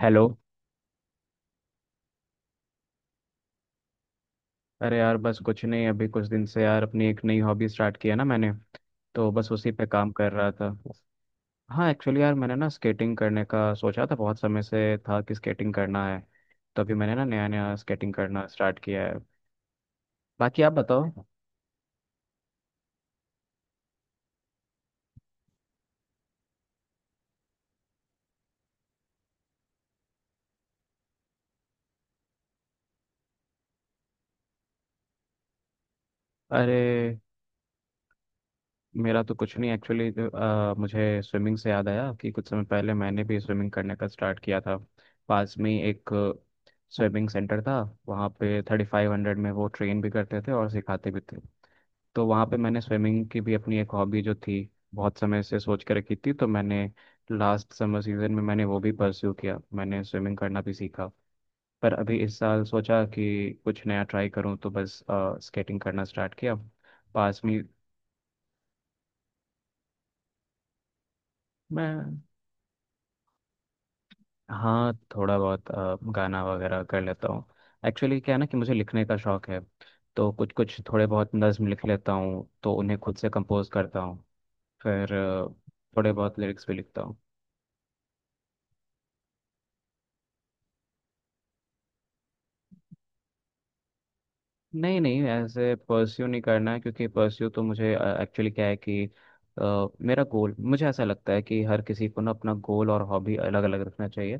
Hello. अरे यार, बस कुछ नहीं। अभी कुछ दिन से यार अपनी एक नई हॉबी स्टार्ट किया ना मैंने, तो बस उसी पे काम कर रहा था। हाँ एक्चुअली यार, मैंने ना स्केटिंग करने का सोचा था। बहुत समय से था कि स्केटिंग करना है, तो अभी मैंने ना नया नया स्केटिंग करना स्टार्ट किया है। बाकी आप बताओ। अरे, मेरा तो कुछ नहीं एक्चुअली। मुझे स्विमिंग से याद आया कि कुछ समय पहले मैंने भी स्विमिंग करने का स्टार्ट किया था। पास में ही एक स्विमिंग सेंटर था, वहाँ पे 3500 में वो ट्रेन भी करते थे और सिखाते भी थे। तो वहाँ पे मैंने स्विमिंग की भी, अपनी एक हॉबी जो थी बहुत समय से सोच के रखी थी, तो मैंने लास्ट समर सीजन में मैंने वो भी परस्यू किया, मैंने स्विमिंग करना भी सीखा। पर अभी इस साल सोचा कि कुछ नया ट्राई करूँ, तो बस स्केटिंग करना स्टार्ट किया पास में। मैं, हाँ थोड़ा बहुत गाना वगैरह कर लेता हूँ। एक्चुअली क्या है ना कि मुझे लिखने का शौक है, तो कुछ कुछ थोड़े बहुत नज्म लिख लेता हूँ, तो उन्हें खुद से कंपोज करता हूँ। फिर अ, थोड़े बहुत लिरिक्स भी लिखता हूँ। नहीं नहीं, ऐसे परस्यू नहीं करना है, क्योंकि परस्यू तो मुझे, एक्चुअली क्या है कि मेरा गोल, मुझे ऐसा लगता है कि हर किसी को ना अपना गोल और हॉबी अलग अलग रखना चाहिए।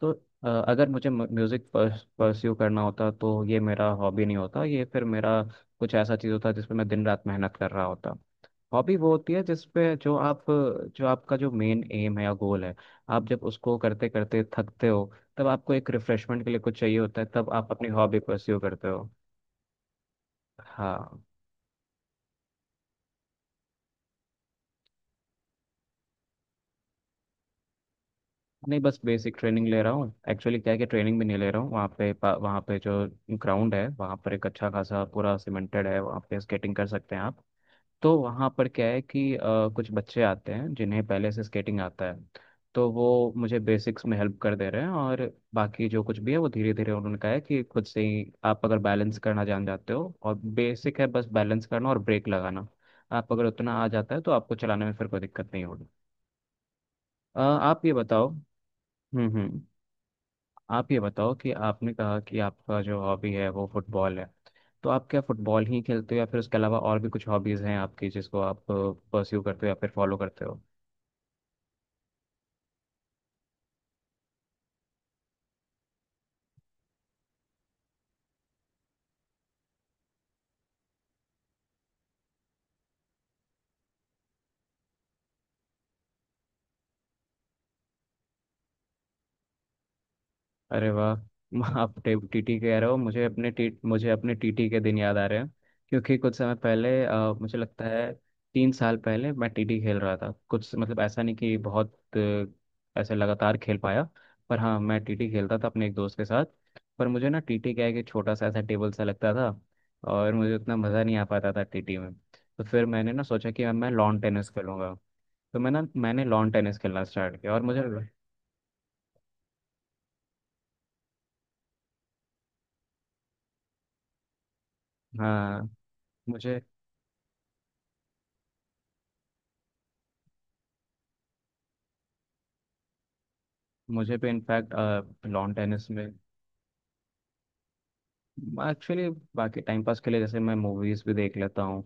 तो अगर मुझे म्यूज़िक परस्यू करना होता तो ये मेरा हॉबी नहीं होता, ये फिर मेरा कुछ ऐसा चीज़ होता जिस पे मैं दिन रात मेहनत कर रहा होता। हॉबी वो होती है जिसपे, जो आप, जो आपका जो मेन एम है या गोल है, आप जब उसको करते करते थकते हो, तब आपको एक रिफ्रेशमेंट के लिए कुछ चाहिए होता है, तब आप अपनी हॉबी परस्यू करते हो। हाँ, नहीं बस बेसिक ट्रेनिंग ले रहा हूँ। एक्चुअली क्या है कि ट्रेनिंग भी नहीं ले रहा हूँ। वहाँ पे वहाँ पे जो ग्राउंड है, वहाँ पर एक अच्छा खासा पूरा सीमेंटेड है, वहाँ पे स्केटिंग कर सकते हैं आप। तो वहाँ पर क्या है कि कुछ बच्चे आते हैं जिन्हें पहले से स्केटिंग आता है, तो वो मुझे बेसिक्स में हेल्प कर दे रहे हैं। और बाकी जो कुछ भी है वो धीरे धीरे, उन्होंने कहा है कि खुद से ही आप अगर बैलेंस करना जान जाते हो, और बेसिक है बस बैलेंस करना और ब्रेक लगाना, आप अगर उतना आ जाता है तो आपको चलाने में फिर कोई दिक्कत नहीं होगी। आप ये बताओ। हम्म। आप ये बताओ कि आपने कहा कि आपका जो हॉबी है वो फुटबॉल है, तो आप क्या फुटबॉल ही खेलते हो या फिर उसके अलावा और भी कुछ हॉबीज़ हैं आपकी, जिसको आप परस्यू करते हो या फिर फॉलो करते हो? अरे वाह! आप टीटी कह रहे हो, मुझे अपने टीटी के दिन याद आ रहे हैं। क्योंकि कुछ समय पहले, मुझे लगता है तीन साल पहले मैं टीटी खेल रहा था। कुछ मतलब ऐसा नहीं कि बहुत ऐसे लगातार खेल पाया, पर हाँ मैं टीटी खेलता था अपने एक दोस्त के साथ। पर मुझे ना टीटी क्या है कि छोटा सा ऐसा टेबल सा लगता था, और मुझे उतना मज़ा नहीं आ पाता था टीटी में, तो फिर मैंने ना सोचा कि अब मैं लॉन टेनिस खेलूंगा। तो मैंने लॉन टेनिस खेलना स्टार्ट किया। और मुझे हाँ मुझे मुझे भी इनफैक्ट लॉन टेनिस में। एक्चुअली बाकी टाइम पास के लिए जैसे मैं मूवीज़ भी देख लेता हूँ।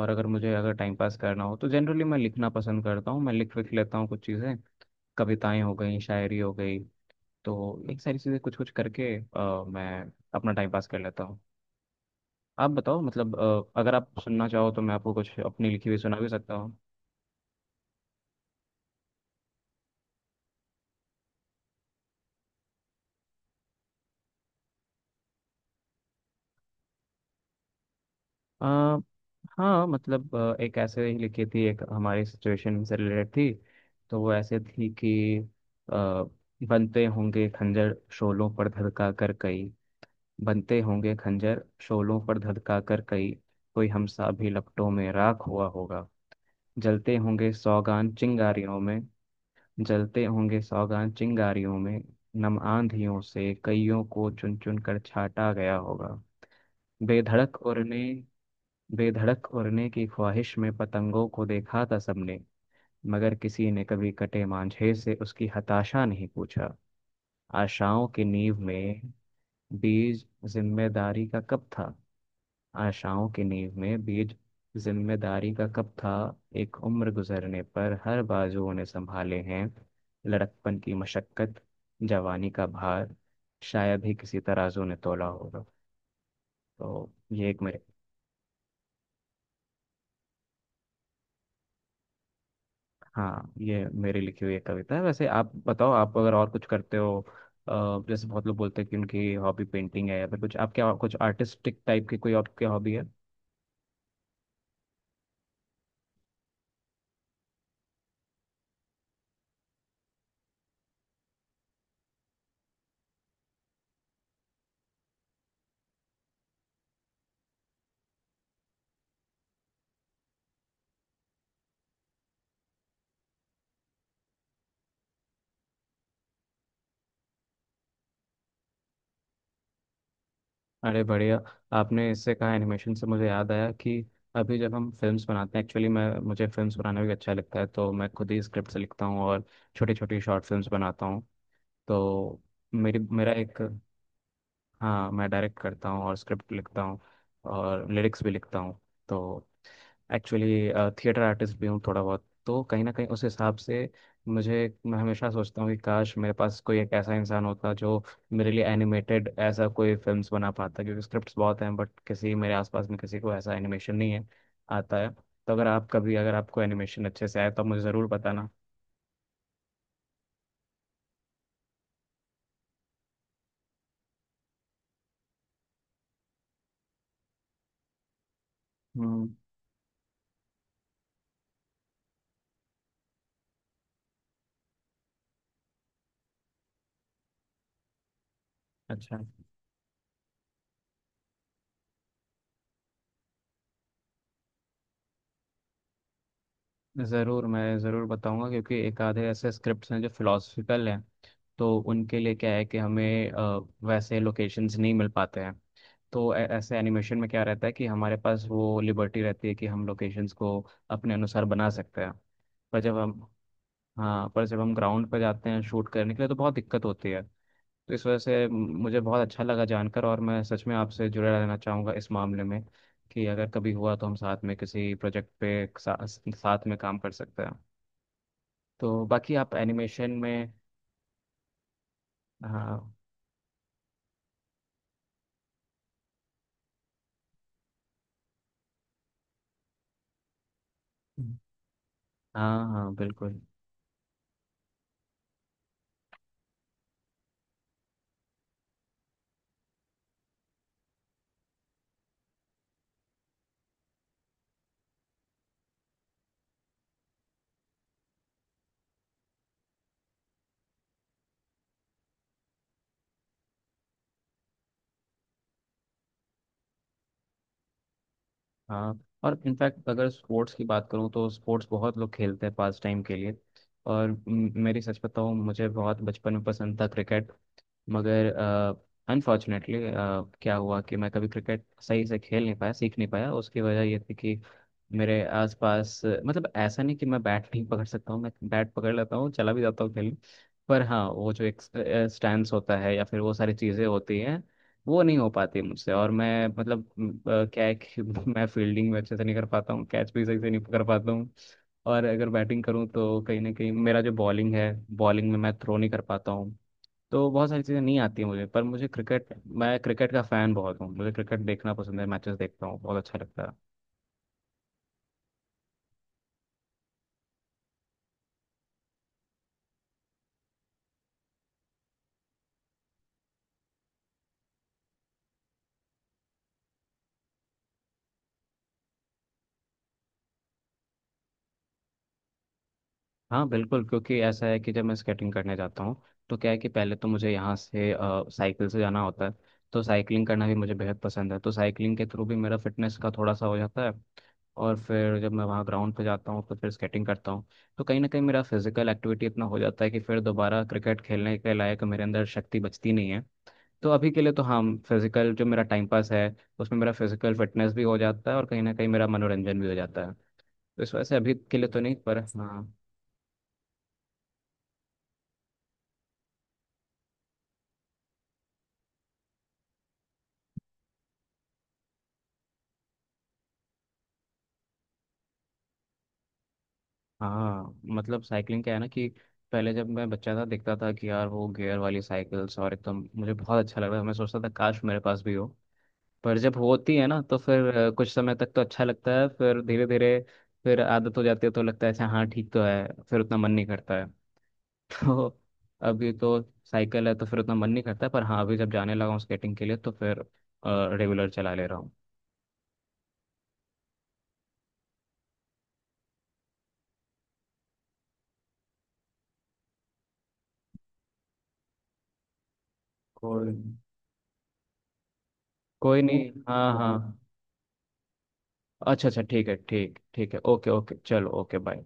और अगर मुझे, अगर टाइम पास करना हो तो जनरली मैं लिखना पसंद करता हूँ। मैं लिख लिख लेता हूँ कुछ चीज़ें, कविताएं हो गई, शायरी हो गई। तो एक सारी चीज़ें, कुछ कुछ करके मैं अपना टाइम पास कर लेता हूँ। आप बताओ। मतलब अगर आप सुनना चाहो तो मैं आपको कुछ अपनी लिखी हुई सुना भी सकता हूँ। अ, हाँ मतलब एक ऐसे ही लिखी थी, एक हमारी सिचुएशन से रिलेटेड थी। तो वो ऐसे थी कि अ, बनते होंगे खंजर शोलों पर धधका कर कई, बनते होंगे खंजर शोलों पर धधका कर कई, कोई हमसा भी लपटों में राख हुआ होगा। जलते होंगे सौगान चिंगारियों में, जलते होंगे सौगान चिंगारियों में, नम आंधियों से कईयों को चुन चुन कर छाटा गया होगा। बेधड़क उड़ने बेधड़क उड़ने की ख्वाहिश में पतंगों को देखा था सबने, मगर किसी ने कभी कटे मांझे से उसकी हताशा नहीं पूछा। आशाओं की नींव में बीज जिम्मेदारी का कब था आशाओं की नींव में बीज जिम्मेदारी का कब था। एक उम्र गुजरने पर हर बाजुओं ने संभाले हैं, लड़कपन की मशक्कत, जवानी का भार, शायद ही किसी तराजू ने तोला होगा। तो ये एक मेरे, हाँ ये मेरी लिखी हुई एक कविता है। वैसे आप बताओ, आप अगर और कुछ करते हो, जैसे बहुत लोग बोलते हैं कि उनकी हॉबी पेंटिंग है या फिर कुछ, आप क्या कुछ आर्टिस्टिक टाइप की कोई आपकी हॉबी है? अरे बढ़िया! आपने इससे कहा, एनिमेशन से मुझे याद आया कि अभी जब हम फिल्म्स बनाते हैं, एक्चुअली मैं, मुझे फिल्म्स बनाना भी अच्छा लगता है, तो मैं खुद ही स्क्रिप्ट लिखता हूँ और छोटी छोटी शॉर्ट फिल्म्स बनाता हूँ। तो मेरी मेरा एक, हाँ मैं डायरेक्ट करता हूँ और स्क्रिप्ट लिखता हूँ और लिरिक्स भी लिखता हूँ। तो एक्चुअली थिएटर आर्टिस्ट भी हूँ थोड़ा बहुत, तो कहीं ना कहीं उस हिसाब से मुझे, मैं हमेशा सोचता हूँ कि काश मेरे पास कोई एक ऐसा इंसान होता जो मेरे लिए एनिमेटेड ऐसा कोई फिल्म्स बना पाता, क्योंकि स्क्रिप्ट्स बहुत हैं, बट किसी मेरे आसपास में किसी को ऐसा एनिमेशन नहीं है आता है। तो अगर आप कभी, अगर आपको एनिमेशन अच्छे से आए तो आप मुझे ज़रूर बताना। हम्म, अच्छा। ज़रूर मैं ज़रूर बताऊंगा, क्योंकि एक आधे ऐसे स्क्रिप्ट्स हैं जो फिलोसफिकल हैं। तो उनके लिए क्या है कि हमें वैसे लोकेशंस नहीं मिल पाते हैं। तो ऐसे एनिमेशन में क्या रहता है कि हमारे पास वो लिबर्टी रहती है कि हम लोकेशंस को अपने अनुसार बना सकते हैं। पर जब हम हाँ पर जब हम ग्राउंड पर जाते हैं शूट करने के लिए तो बहुत दिक्कत होती है। तो इस वजह से मुझे बहुत अच्छा लगा जानकर, और मैं सच में आपसे जुड़े रहना चाहूँगा इस मामले में कि अगर कभी हुआ तो हम साथ में किसी प्रोजेक्ट पे साथ में काम कर सकते हैं। तो बाकी आप एनिमेशन में, हाँ हाँ, हाँ बिल्कुल। हाँ, और इनफैक्ट अगर स्पोर्ट्स की बात करूँ तो स्पोर्ट्स बहुत लोग खेलते हैं पास टाइम के लिए। और मेरी सच बताऊँ, मुझे बहुत बचपन में पसंद था क्रिकेट। मगर अनफॉर्चुनेटली क्या हुआ कि मैं कभी क्रिकेट सही से खेल नहीं पाया, सीख नहीं पाया। उसकी वजह ये थी कि मेरे आसपास, मतलब ऐसा नहीं कि मैं बैट नहीं पकड़ सकता हूँ, मैं बैट पकड़ लेता हूँ, चला भी जाता हूँ खेलने, पर हाँ वो जो एक स्टैंड होता है या फिर वो सारी चीज़ें होती हैं, वो नहीं हो पाती मुझसे। और मैं, मतलब क्या है कि मैं फील्डिंग में अच्छे से नहीं कर पाता हूँ, कैच भी सही से नहीं पकड़ पाता हूँ। और अगर बैटिंग करूँ तो कहीं ना कहीं मेरा जो बॉलिंग है, बॉलिंग में मैं थ्रो नहीं कर पाता हूँ। तो बहुत सारी चीज़ें नहीं आती हैं मुझे, पर मुझे क्रिकेट, मैं क्रिकेट का फ़ैन बहुत हूँ, मुझे क्रिकेट देखना पसंद है, मैचेस देखता हूँ, बहुत अच्छा लगता है। हाँ बिल्कुल, क्योंकि ऐसा है कि जब मैं स्केटिंग करने जाता हूँ तो क्या है कि पहले तो मुझे यहाँ से साइकिल से जाना होता है, तो साइकिलिंग करना भी मुझे बेहद पसंद है, तो साइकिलिंग के थ्रू भी मेरा फिटनेस का थोड़ा सा हो जाता है। और फिर जब मैं वहाँ ग्राउंड पे जाता हूँ तो फिर स्केटिंग करता हूँ। तो कहीं ना कहीं मेरा फिजिकल एक्टिविटी इतना हो जाता है कि फिर दोबारा क्रिकेट खेलने के लायक मेरे अंदर शक्ति बचती नहीं है। तो अभी के लिए तो हाँ, फिजिकल जो मेरा टाइम पास है, उसमें मेरा फिजिकल फिटनेस भी हो जाता है और कहीं ना कहीं मेरा मनोरंजन भी हो जाता है। तो इस वजह से अभी के लिए तो नहीं, पर हाँ। हाँ मतलब साइकिलिंग क्या है ना कि पहले जब मैं बच्चा था देखता था कि यार वो गियर वाली साइकिल्स, और एकदम मुझे बहुत अच्छा लग रहा है, मैं सोचता था काश मेरे पास भी हो। पर जब होती है ना तो फिर कुछ समय तक तो अच्छा लगता है, फिर धीरे धीरे, फिर आदत हो जाती है, तो लगता है अच्छा हाँ ठीक तो है, फिर उतना मन नहीं करता है। तो अभी तो साइकिल है, तो फिर उतना मन नहीं करता, पर हाँ अभी जब जाने लगा हूँ स्केटिंग के लिए, तो फिर रेगुलर चला ले रहा हूँ। और कोई नहीं, हाँ हाँ। अच्छा अच्छा, ठीक है, ठीक ठीक है, ओके ओके, चलो ओके, बाय।